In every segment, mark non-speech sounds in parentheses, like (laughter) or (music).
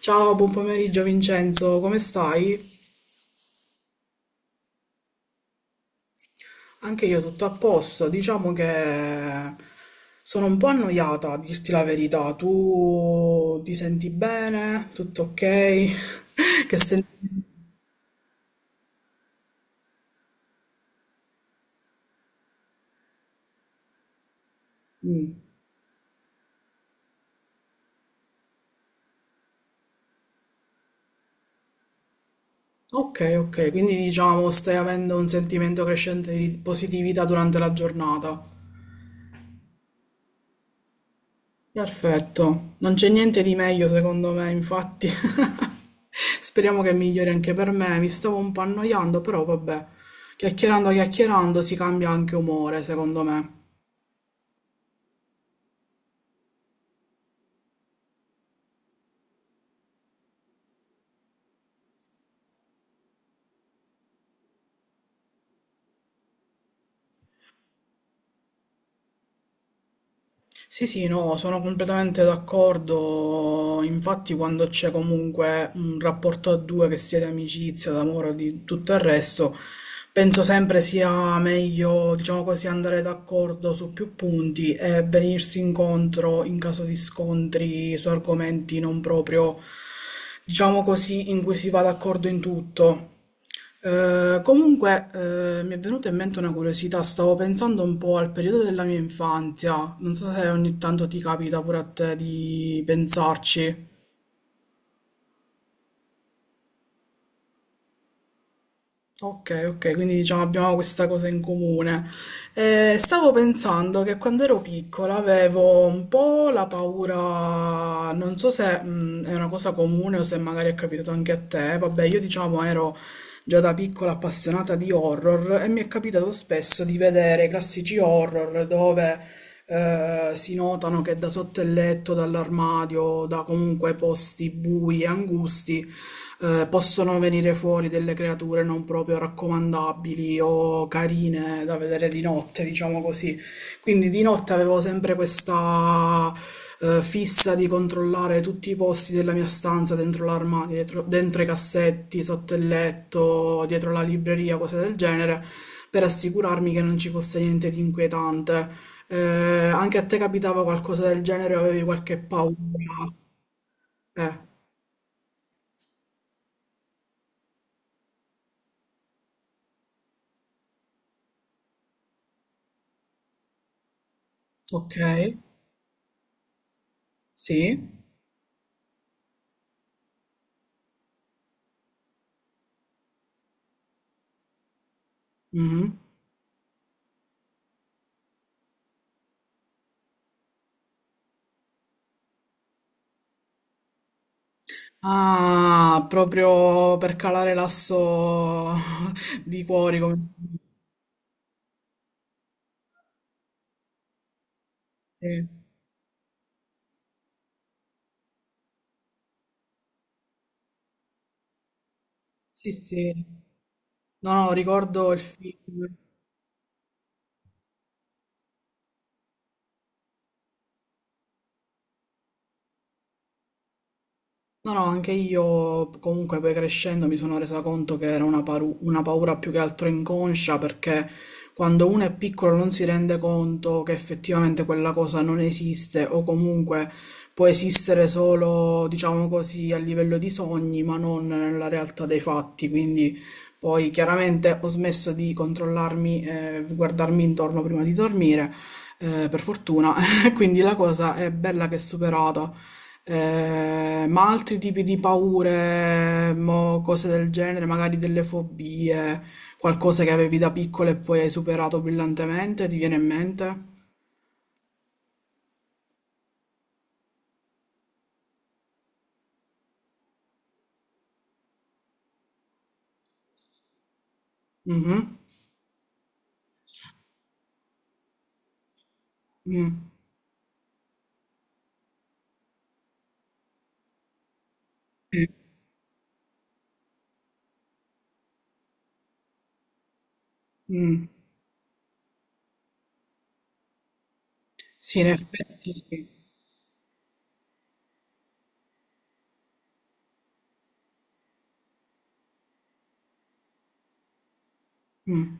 Ciao, buon pomeriggio Vincenzo, come stai? Anche io tutto a posto, diciamo che sono un po' annoiata, a dirti la verità. Tu ti senti bene? Tutto ok? (laughs) Che sen- Mm. Ok, ok, quindi diciamo stai avendo un sentimento crescente di positività durante la giornata. Perfetto, non c'è niente di meglio secondo me, infatti. (laughs) Speriamo che migliori anche per me. Mi stavo un po' annoiando, però vabbè, chiacchierando, chiacchierando si cambia anche umore, secondo me. Sì, sì, no, sono completamente d'accordo. Infatti, quando c'è comunque un rapporto a due, che sia di amicizia, d'amore o di tutto il resto, penso sempre sia meglio, diciamo così, andare d'accordo su più punti e venirsi incontro in caso di scontri su argomenti non proprio, diciamo così, in cui si va d'accordo in tutto. Comunque, mi è venuta in mente una curiosità, stavo pensando un po' al periodo della mia infanzia, non so se ogni tanto ti capita pure a te di pensarci. Ok, ok, quindi diciamo abbiamo questa cosa in comune. Stavo pensando che quando ero piccola avevo un po' la paura, non so se è una cosa comune o se magari è capitato anche a te, vabbè, io diciamo ero già da piccola appassionata di horror e mi è capitato spesso di vedere i classici horror dove si notano che da sotto il letto, dall'armadio, da comunque posti bui e angusti, possono venire fuori delle creature non proprio raccomandabili o carine da vedere di notte, diciamo così. Quindi di notte avevo sempre questa fissa di controllare tutti i posti della mia stanza, dentro l'armadio, dentro i cassetti, sotto il letto, dietro la libreria, cose del genere, per assicurarmi che non ci fosse niente di inquietante. Anche a te capitava qualcosa del genere, o avevi qualche paura? Eh, ok, sì. Mhm. Ah, proprio per calare l'asso (laughs) di cuori, come... Sì. Sì, sì. No, no, ricordo il film. No, no, anche io comunque poi crescendo mi sono resa conto che era una, una paura più che altro inconscia perché quando uno è piccolo non si rende conto che effettivamente quella cosa non esiste o comunque può esistere solo, diciamo così, a livello di sogni, ma non nella realtà dei fatti. Quindi poi chiaramente ho smesso di controllarmi e guardarmi intorno prima di dormire per fortuna. Quindi la cosa è bella che è superata. Ma altri tipi di paure, mo, cose del genere, magari delle fobie, qualcosa che avevi da piccolo e poi hai superato brillantemente, ti viene in mente? Mhm. Mm, mm. Sì, in effetti sì. Mm,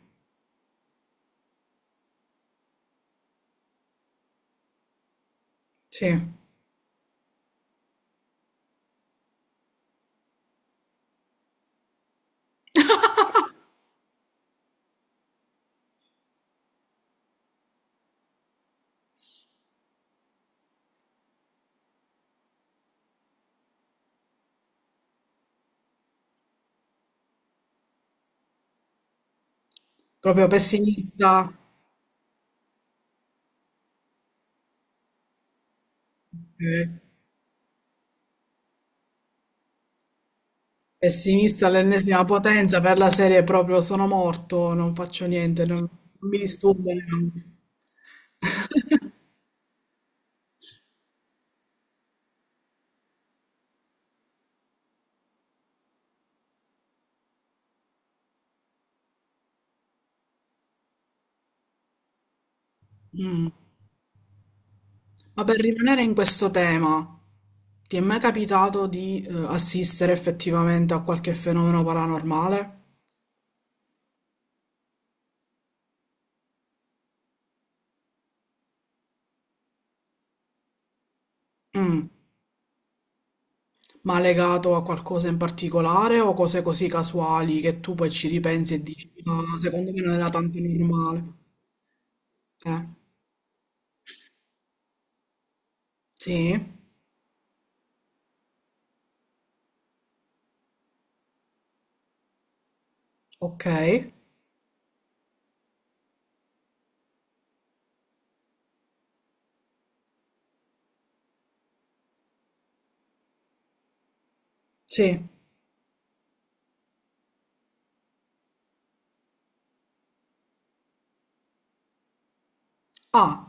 sì. Proprio pessimista, ok. Pessimista all'ennesima potenza per la serie proprio sono morto, non faccio niente, non, non mi disturba neanche. (laughs) Mm. Ma per rimanere in questo tema, ti è mai capitato di assistere effettivamente a qualche fenomeno paranormale? Mm. Ma legato a qualcosa in particolare o cose così casuali che tu poi ci ripensi e dici, ma secondo me non era tanto normale? Eh, Sì, ok, sì. Ah,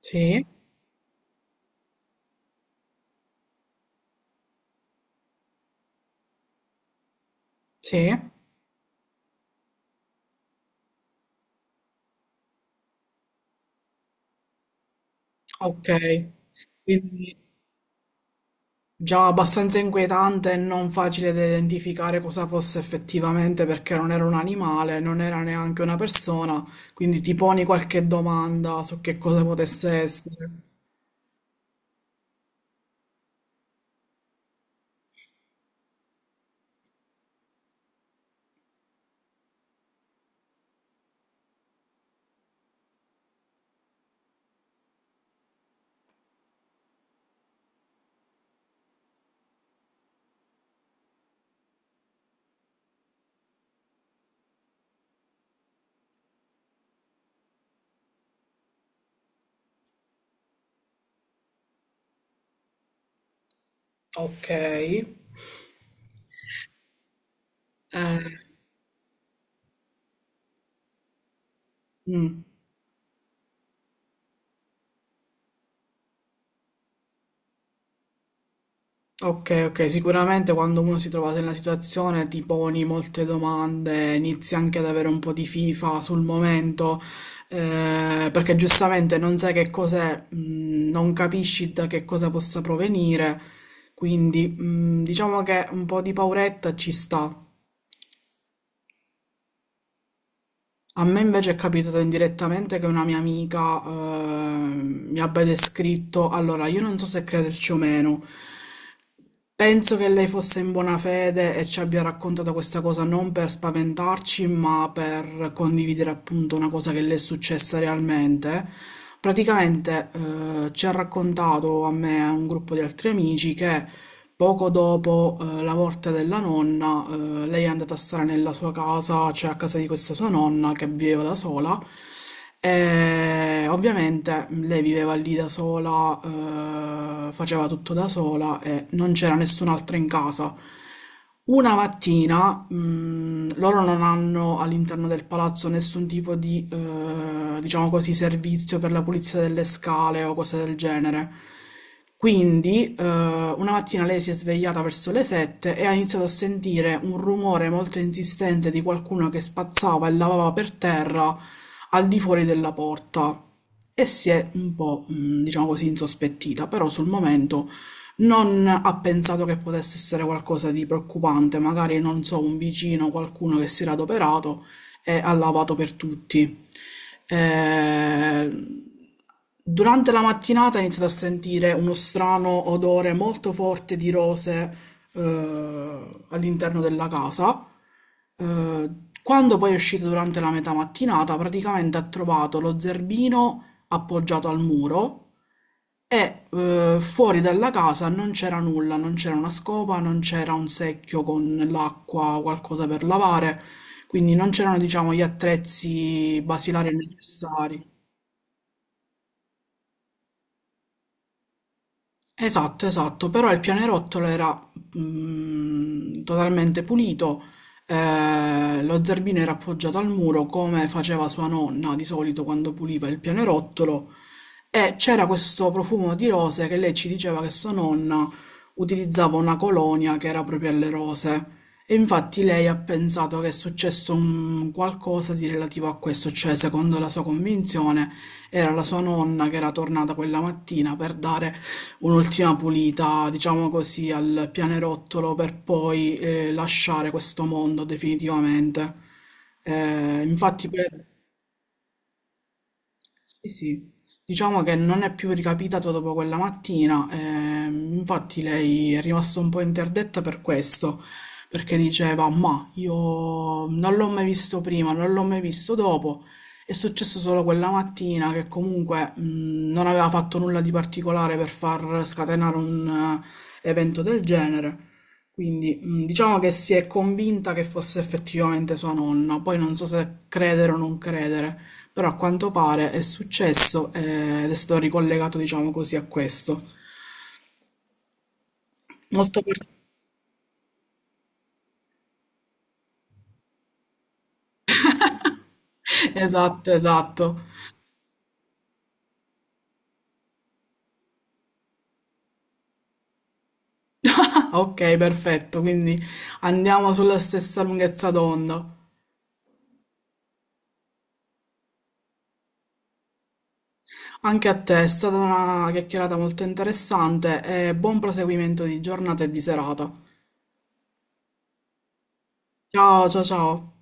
sì, sì, ok. Quindi già abbastanza inquietante e non facile da identificare cosa fosse effettivamente perché non era un animale, non era neanche una persona, quindi ti poni qualche domanda su che cosa potesse essere. Ok. Mm. Ok, ok, sicuramente quando uno si trova nella situazione ti poni molte domande, inizi anche ad avere un po' di fifa sul momento, perché giustamente non sai che cos'è, non capisci da che cosa possa provenire, quindi diciamo che un po' di pauretta ci sta. A me invece è capitato indirettamente che una mia amica mi abbia descritto, allora io non so se crederci o meno. Penso che lei fosse in buona fede e ci abbia raccontato questa cosa non per spaventarci, ma per condividere appunto una cosa che le è successa realmente. Praticamente, ci ha raccontato a me e a un gruppo di altri amici che poco dopo, la morte della nonna, lei è andata a stare nella sua casa, cioè a casa di questa sua nonna che viveva da sola. E ovviamente lei viveva lì da sola, faceva tutto da sola e non c'era nessun'altra in casa. Una mattina, loro non hanno all'interno del palazzo nessun tipo di, diciamo così, servizio per la pulizia delle scale o cose del genere. Quindi, una mattina lei si è svegliata verso le 7 e ha iniziato a sentire un rumore molto insistente di qualcuno che spazzava e lavava per terra al di fuori della porta e si è un po', diciamo così, insospettita, però sul momento non ha pensato che potesse essere qualcosa di preoccupante, magari non so, un vicino, qualcuno che si era adoperato e ha lavato per tutti. Eh, Durante la mattinata ha iniziato a sentire uno strano odore molto forte di rose all'interno della casa. Eh, Quando poi è uscito durante la metà mattinata, praticamente ha trovato lo zerbino appoggiato al muro e fuori dalla casa non c'era nulla, non c'era una scopa, non c'era un secchio con l'acqua, qualcosa per lavare, quindi non c'erano, diciamo, gli attrezzi basilari necessari. Esatto, esatto, però il pianerottolo era totalmente pulito, lo zerbino era appoggiato al muro come faceva sua nonna di solito quando puliva il pianerottolo e c'era questo profumo di rose che lei ci diceva che sua nonna utilizzava una colonia che era proprio alle rose e infatti lei ha pensato che è successo un qualcosa di relativo a questo, cioè secondo la sua convinzione era la sua nonna che era tornata quella mattina per dare un'ultima pulita, diciamo così, al pianerottolo per poi lasciare questo mondo definitivamente. Eh, infatti, per- sì, sì. Diciamo che non è più ricapitato dopo quella mattina, infatti lei è rimasta un po' interdetta per questo, perché diceva, ma io non l'ho mai visto prima, non l'ho mai visto dopo, è successo solo quella mattina che comunque non aveva fatto nulla di particolare per far scatenare un evento del genere, quindi diciamo che si è convinta che fosse effettivamente sua nonna, poi non so se credere o non credere. Però a quanto pare è successo ed è stato ricollegato, diciamo così, a questo. Molto per- (laughs) Esatto, esatto. (laughs) Ah, ok, perfetto, quindi andiamo sulla stessa lunghezza d'onda. Anche a te è stata una chiacchierata molto interessante e buon proseguimento di giornata e di serata. Ciao, ciao, ciao.